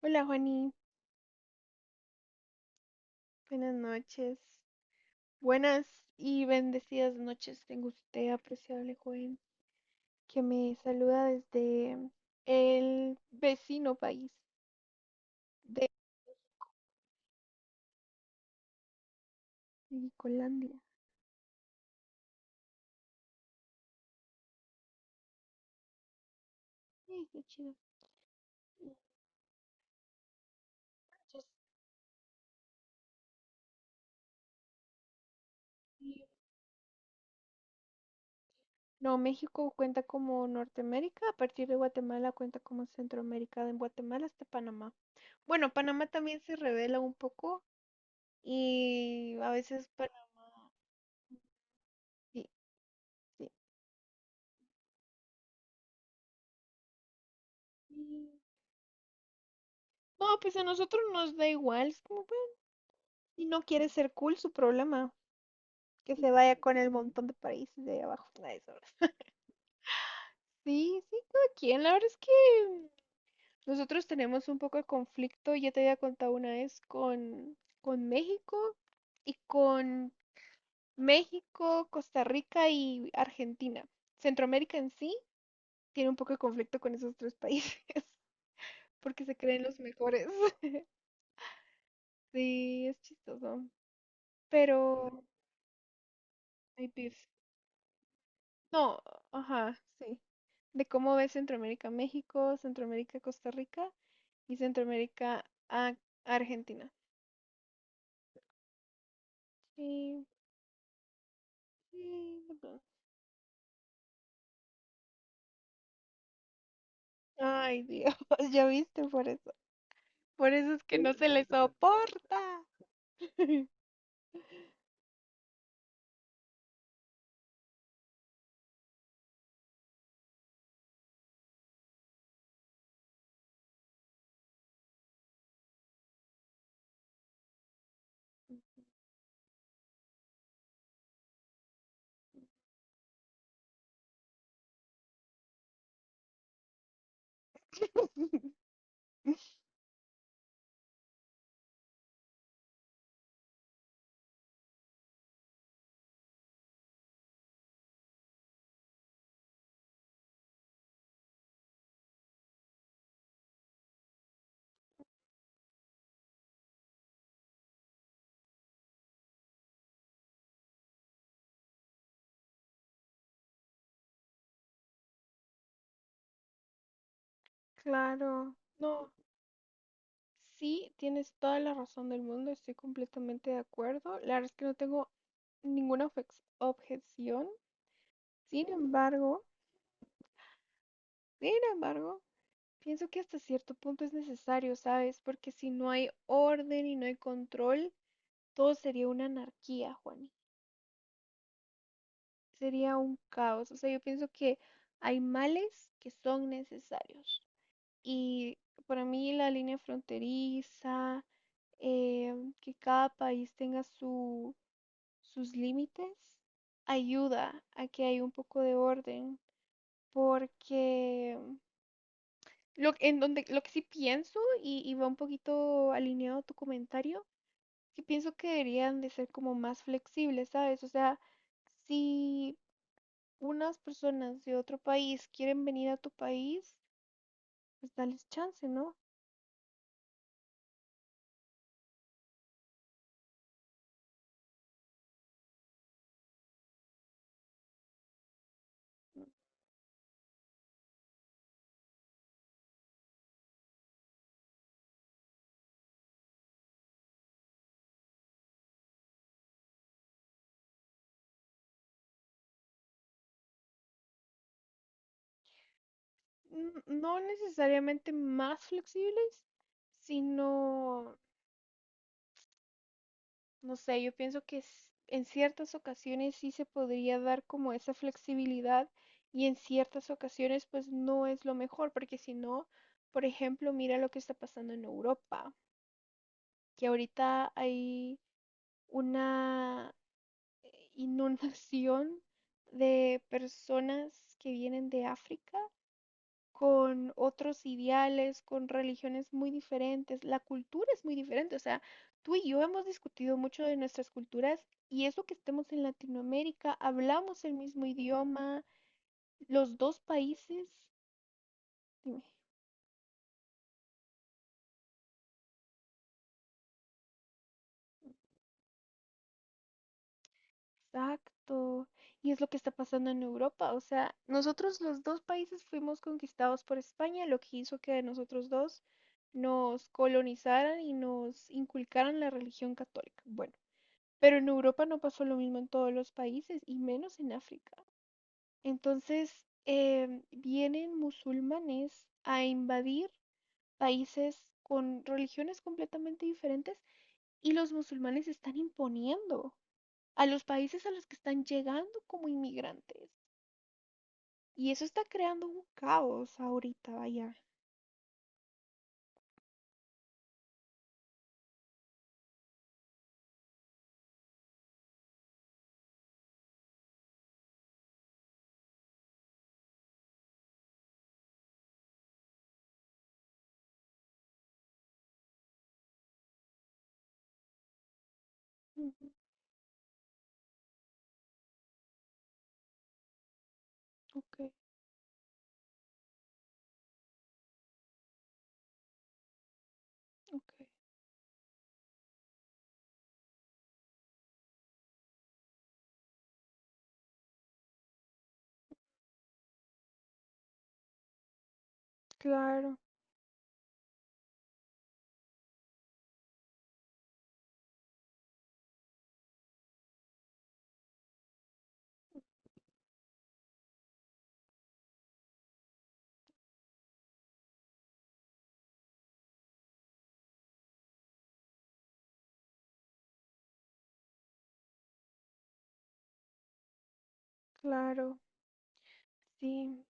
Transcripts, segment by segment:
Hola Juani, buenas noches. Buenas y bendecidas noches tengo usted, apreciable joven, que me saluda desde el vecino país de Nicolandia. Qué chido. Entonces, sí. No, México cuenta como Norteamérica, a partir de Guatemala cuenta como Centroamérica, de Guatemala hasta Panamá. Bueno, Panamá también se revela un poco y a veces Panamá, sí, sí. No, pues a nosotros nos da igual. Es como, bueno, si no quiere ser cool, su problema. Que se vaya con el montón de países de ahí abajo. Nada de eso. Sí, sí, cada quien. La verdad es que nosotros tenemos un poco de conflicto. Ya te había contado una vez con México y con México, Costa Rica y Argentina. Centroamérica en sí tiene un poco de conflicto con esos tres países porque se creen los mejores. Sí, es chistoso. Pero hay beef. No, ajá, sí. De cómo ves Centroamérica, México, Centroamérica, Costa Rica y Centroamérica a Argentina. Sí, sí, de pronto. Ay, Dios, ya viste por eso. Por eso es que no se le soporta. Claro, no. Sí, tienes toda la razón del mundo, estoy completamente de acuerdo. La verdad es que no tengo ninguna objeción. Sin embargo, sin embargo, pienso que hasta cierto punto es necesario, ¿sabes? Porque si no hay orden y no hay control, todo sería una anarquía, Juani. Sería un caos. O sea, yo pienso que hay males que son necesarios. Y para mí la línea fronteriza, eh, que cada país tenga sus límites, ayuda a que haya un poco de orden. Porque lo que sí pienso, y va un poquito alineado a tu comentario, que pienso que deberían de ser como más flexibles, ¿sabes? O sea, si unas personas de otro país quieren venir a tu país, pues dales chance, ¿no? No necesariamente más flexibles, sino, no sé, yo pienso que en ciertas ocasiones sí se podría dar como esa flexibilidad y en ciertas ocasiones pues no es lo mejor, porque si no, por ejemplo, mira lo que está pasando en Europa, que ahorita hay una inundación de personas que vienen de África con otros ideales, con religiones muy diferentes. La cultura es muy diferente. O sea, tú y yo hemos discutido mucho de nuestras culturas y eso que estemos en Latinoamérica, hablamos el mismo idioma, los dos países. Exacto. Y es lo que está pasando en Europa. O sea, nosotros los dos países fuimos conquistados por España, lo que hizo que a nosotros dos nos colonizaran y nos inculcaran la religión católica. Bueno, pero en Europa no pasó lo mismo en todos los países y menos en África. Entonces, vienen musulmanes a invadir países con religiones completamente diferentes y los musulmanes se están imponiendo a los países a los que están llegando como inmigrantes. Y eso está creando un caos ahorita, vaya. Ujú, ok, ok. Claro, claro. Sí.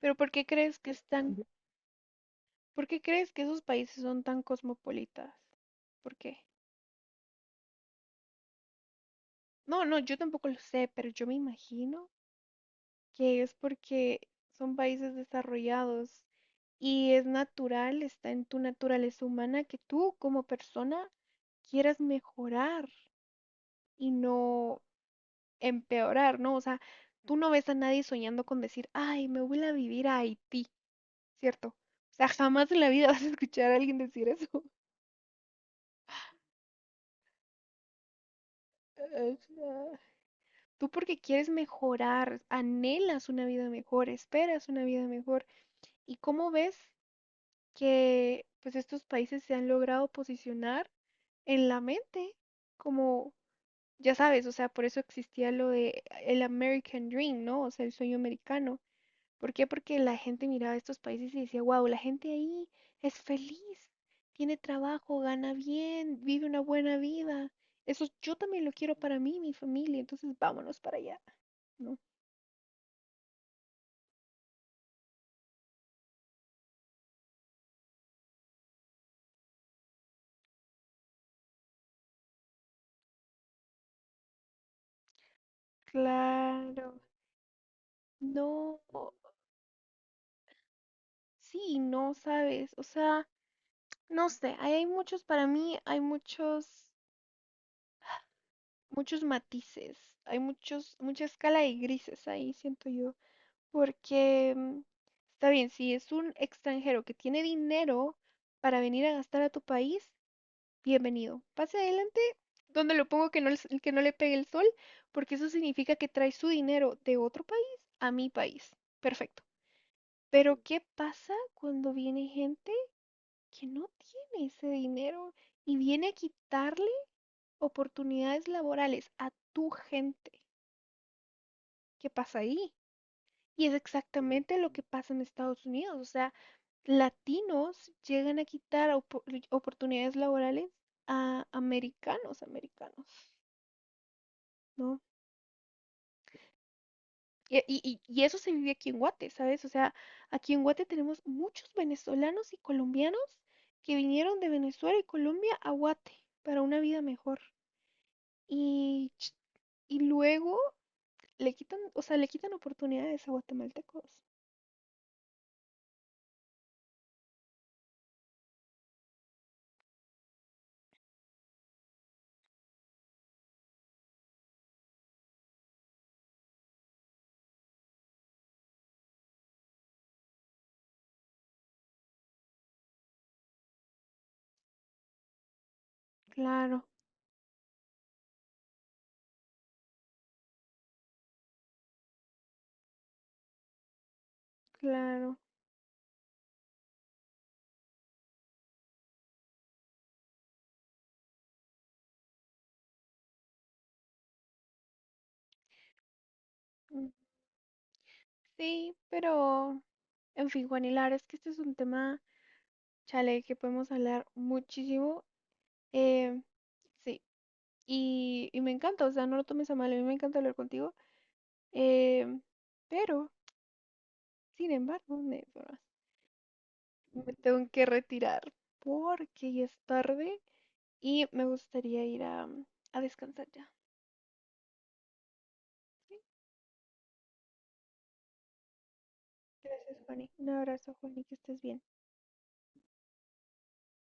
Pero ¿por qué crees que están, por qué crees que esos países son tan cosmopolitas? ¿Por qué? No, no, yo tampoco lo sé, pero yo me imagino que es porque son países desarrollados y es natural, está en tu naturaleza humana que tú como persona quieras mejorar, y no empeorar, ¿no? O sea, tú no ves a nadie soñando con decir, ay, me voy a vivir a Haití, ¿cierto? O sea, jamás en la vida vas a escuchar a alguien decir eso. Ajá. Tú porque quieres mejorar, anhelas una vida mejor, esperas una vida mejor. ¿Y cómo ves que pues estos países se han logrado posicionar en la mente como, ya sabes, o sea, por eso existía lo de el American Dream, ¿no? O sea, el sueño americano. ¿Por qué? Porque la gente miraba estos países y decía, wow, la gente ahí es feliz, tiene trabajo, gana bien, vive una buena vida. Eso yo también lo quiero para mí, mi familia, entonces vámonos para allá, ¿no? Claro, no, sí, no sabes, o sea, no sé, ahí hay muchos, para mí hay muchos matices, hay muchos, mucha escala de grises ahí, siento yo, porque está bien, si es un extranjero que tiene dinero para venir a gastar a tu país, bienvenido. Pase adelante, donde lo pongo que no, que no le pegue el sol, porque eso significa que trae su dinero de otro país a mi país. Perfecto. Pero ¿qué pasa cuando viene gente que no tiene ese dinero y viene a quitarle oportunidades laborales a tu gente? ¿Qué pasa ahí? Y es exactamente lo que pasa en Estados Unidos. O sea, latinos llegan a quitar oportunidades laborales a americanos, ¿no? Y eso se vive aquí en Guate, ¿sabes? O sea, aquí en Guate tenemos muchos venezolanos y colombianos que vinieron de Venezuela y Colombia a Guate para una vida mejor. Y, ch- y luego le quitan, o sea, le quitan oportunidades a guatemaltecos. Claro, claro. Sí, pero en fin, Juan Hilar, es que este es un tema, chale, que podemos hablar muchísimo. eh, sí, y me encanta, o sea, no lo tomes a mal, a mí me encanta hablar contigo. eh, pero, Sin embargo, me tengo que retirar porque ya es tarde y me gustaría ir a descansar ya. ¿Sí? Gracias, Juani. Un abrazo, Juani, que estés bien.